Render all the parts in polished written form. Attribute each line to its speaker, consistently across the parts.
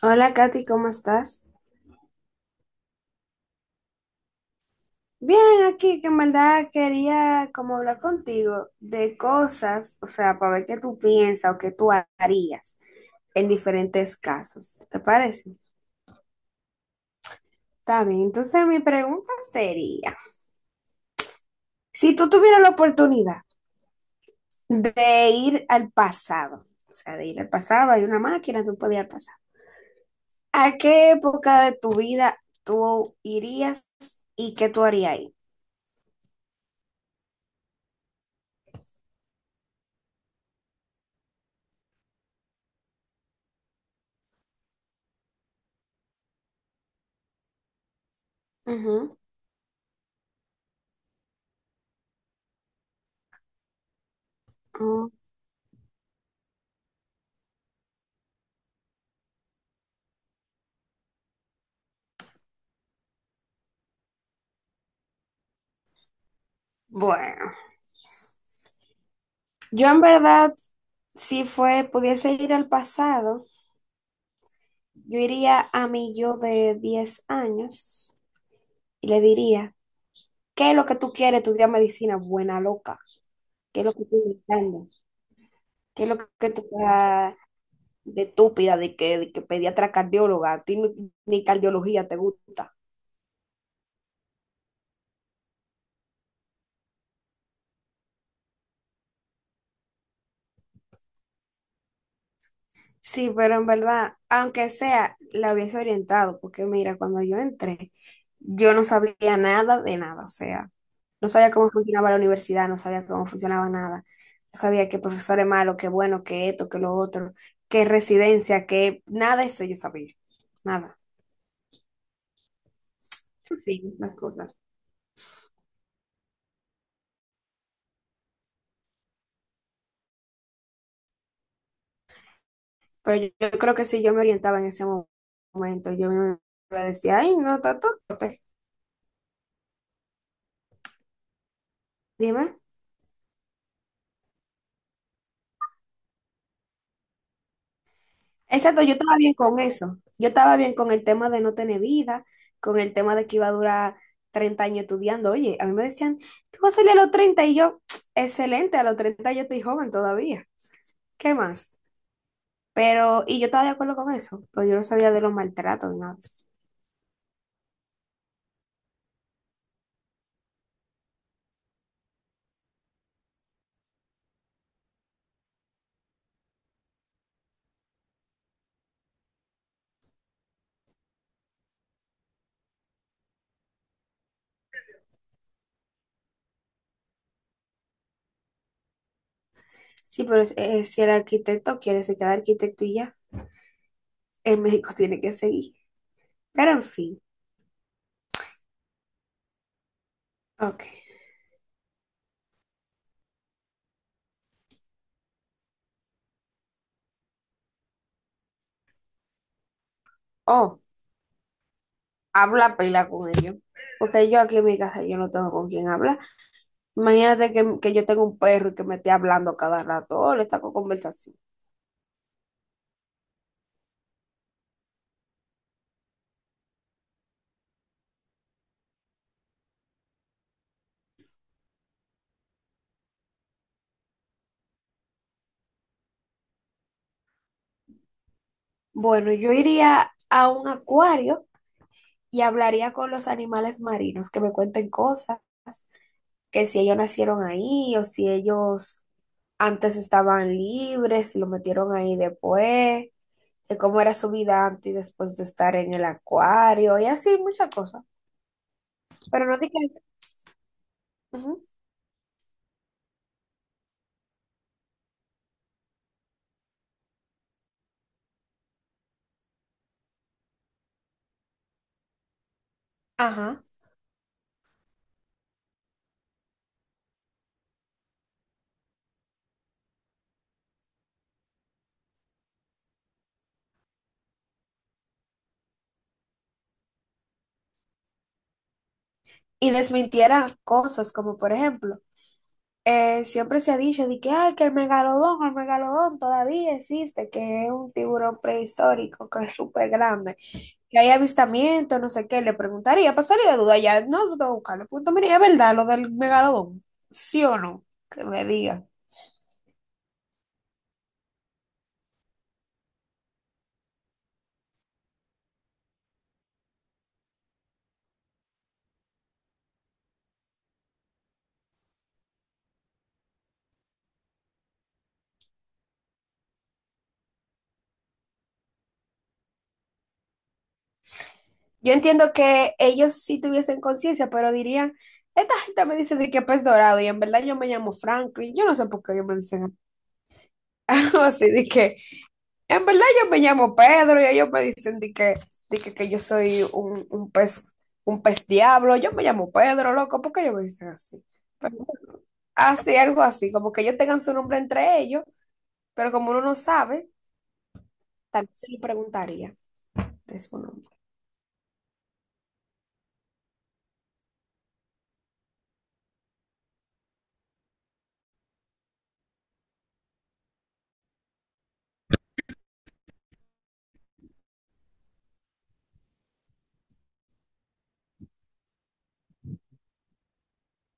Speaker 1: Hola Katy, ¿cómo estás? Bien, aquí que en verdad quería como hablar contigo de cosas, o sea, para ver qué tú piensas o qué tú harías en diferentes casos, ¿te parece? Está bien, entonces mi pregunta sería, si tú tuvieras la oportunidad de ir al pasado, o sea, de ir al pasado, hay una máquina, tú podías ir al pasado, ¿a qué época de tu vida tú irías y qué tú harías ahí? Ujú. Oh. Bueno. Yo en verdad, si fue, pudiese ir al pasado, yo iría a mi yo de 10 años y le diría, ¿qué es lo que tú quieres estudiar medicina? Buena loca. ¿Qué es lo que tú buscando? ¿Qué es lo que tú estás de estúpida, de que pediatra cardióloga? A ti ni, ni cardiología te gusta. Sí, pero en verdad, aunque sea, la hubiese orientado, porque mira, cuando yo entré, yo no sabía nada de nada, o sea, no sabía cómo funcionaba la universidad, no sabía cómo funcionaba nada, no sabía qué profesor es malo, qué bueno, qué esto, qué lo otro, qué residencia, qué nada de eso yo sabía, nada, sí, esas cosas. Pero yo creo que si yo me orientaba en ese momento, yo me decía, ay, no, tato, dime. Exacto, yo estaba bien con eso. Yo estaba bien con el tema de no tener vida, con el tema de que iba a durar 30 años estudiando. Oye, a mí me decían, ¿tú vas a salir a los 30? Y yo, excelente, a los 30 yo estoy joven todavía. ¿Qué más? Pero, y yo estaba de acuerdo con eso, pero yo no sabía de los maltratos ni nada de eso. Sí, pero si el arquitecto quiere, se queda arquitecto y ya. En México tiene que seguir. Pero en fin, ok. Oh, habla pila con ellos. Porque yo aquí en mi casa yo no tengo con quién hablar. Imagínate que yo tengo un perro y que me esté hablando cada rato, oh, le saco conversación. Bueno, yo iría a un acuario y hablaría con los animales marinos, que me cuenten cosas, que si ellos nacieron ahí o si ellos antes estaban libres y lo metieron ahí después, de cómo era su vida antes y después de estar en el acuario y así, muchas cosas. Pero no dije, ujú, ajá. Y desmintiera cosas como, por ejemplo, siempre se ha dicho de que, ay, que el megalodón todavía existe, que es un tiburón prehistórico, que es súper grande, que hay avistamientos, no sé qué, le preguntaría, pasaría de duda ya, no, no tengo que buscarlo, punto, mire, es verdad lo del megalodón, sí o no, que me digan. Yo entiendo que ellos sí tuviesen conciencia, pero dirían, esta gente me dice de que pez dorado, y en verdad yo me llamo Franklin, yo no sé por qué ellos me dicen así, de que en verdad yo me llamo Pedro y ellos me dicen de que yo soy un pez, un pez diablo. Yo me llamo Pedro, loco, ¿por qué ellos me dicen así? Pero, así, algo así, como que ellos tengan su nombre entre ellos, pero como uno no sabe, también se le preguntaría de su nombre.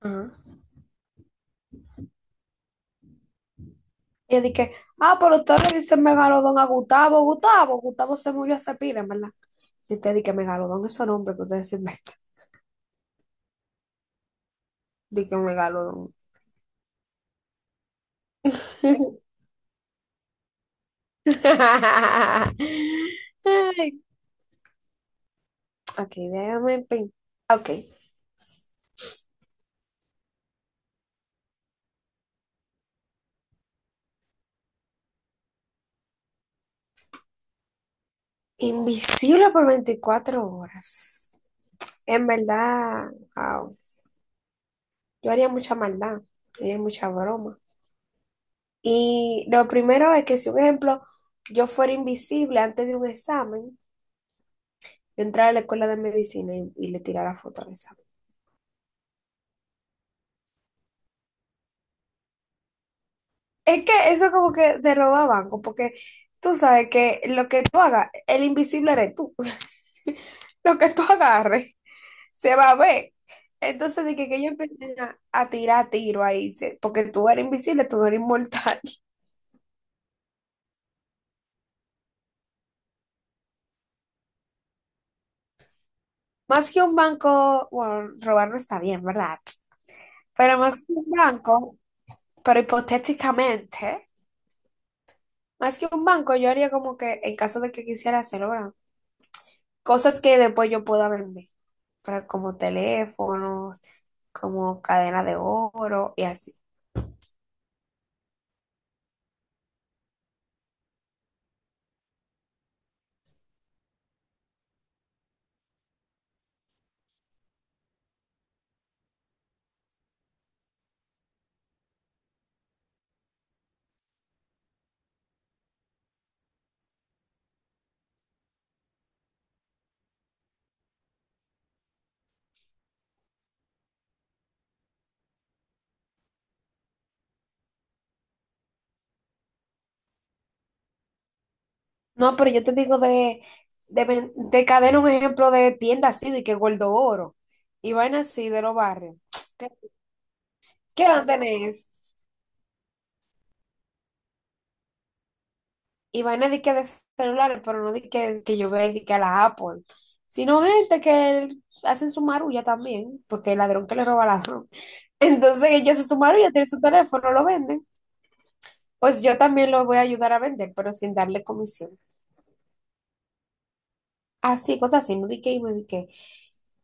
Speaker 1: Ajá. Y yo dije, ah, pero ustedes le dicen megalodón a Gustavo, Gustavo, Gustavo se murió hace pila, ¿en verdad? Y usted dice megalodón, esos nombres que ustedes se inventan. Dije megalodón. Ay, ok, déjame Ok. Invisible por 24 horas. En verdad, wow, yo haría mucha maldad. Yo haría mucha broma. Y lo primero es que, si un ejemplo, yo fuera invisible antes de un examen, yo entrara a la escuela de medicina y le tirara foto al examen. Es que eso como que te roba banco, porque tú sabes que lo que tú hagas, el invisible eres tú. Lo que tú agarres se va a ver. Entonces dije que ellos empiezan a tirar tiro ahí, se- porque tú eres invisible, tú no eres inmortal. Más que un banco, bueno, robar no está bien, ¿verdad? Pero más que un banco, pero hipotéticamente, más que un banco, yo haría como que en caso de que quisiera hacerlo, ¿verdad? Cosas que después yo pueda vender, pero como teléfonos, como cadena de oro y así. No, pero yo te digo de, ven- de cadena un ejemplo de tienda así, de que Gordo Oro y vaina así de los barrios. ¿Qué, qué van a tener eso? Y vaina de que de celulares, pero no de que yo vea de que a la Apple, sino gente que hacen su marulla también, porque el ladrón que le roba al ladrón. Entonces ellos hacen su marulla, tienen su teléfono, lo venden. Pues yo también lo voy a ayudar a vender, pero sin darle comisión. Así, cosas así, no di que y me di que,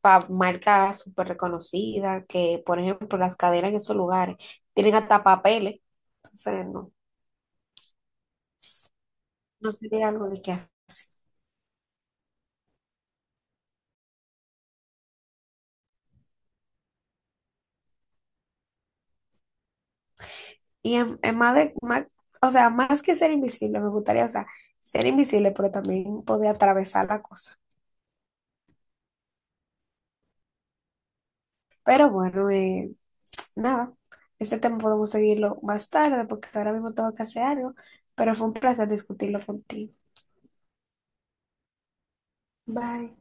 Speaker 1: para marcas súper reconocidas, que por ejemplo las cadenas en esos lugares tienen hasta papeles, entonces no, no sería algo de que hacer. Y en más de, más- o sea, más que ser invisible, me gustaría, o sea, ser invisible, pero también poder atravesar la cosa. Pero bueno, nada, este tema podemos seguirlo más tarde porque ahora mismo tengo que hacer algo, pero fue un placer discutirlo contigo. Bye.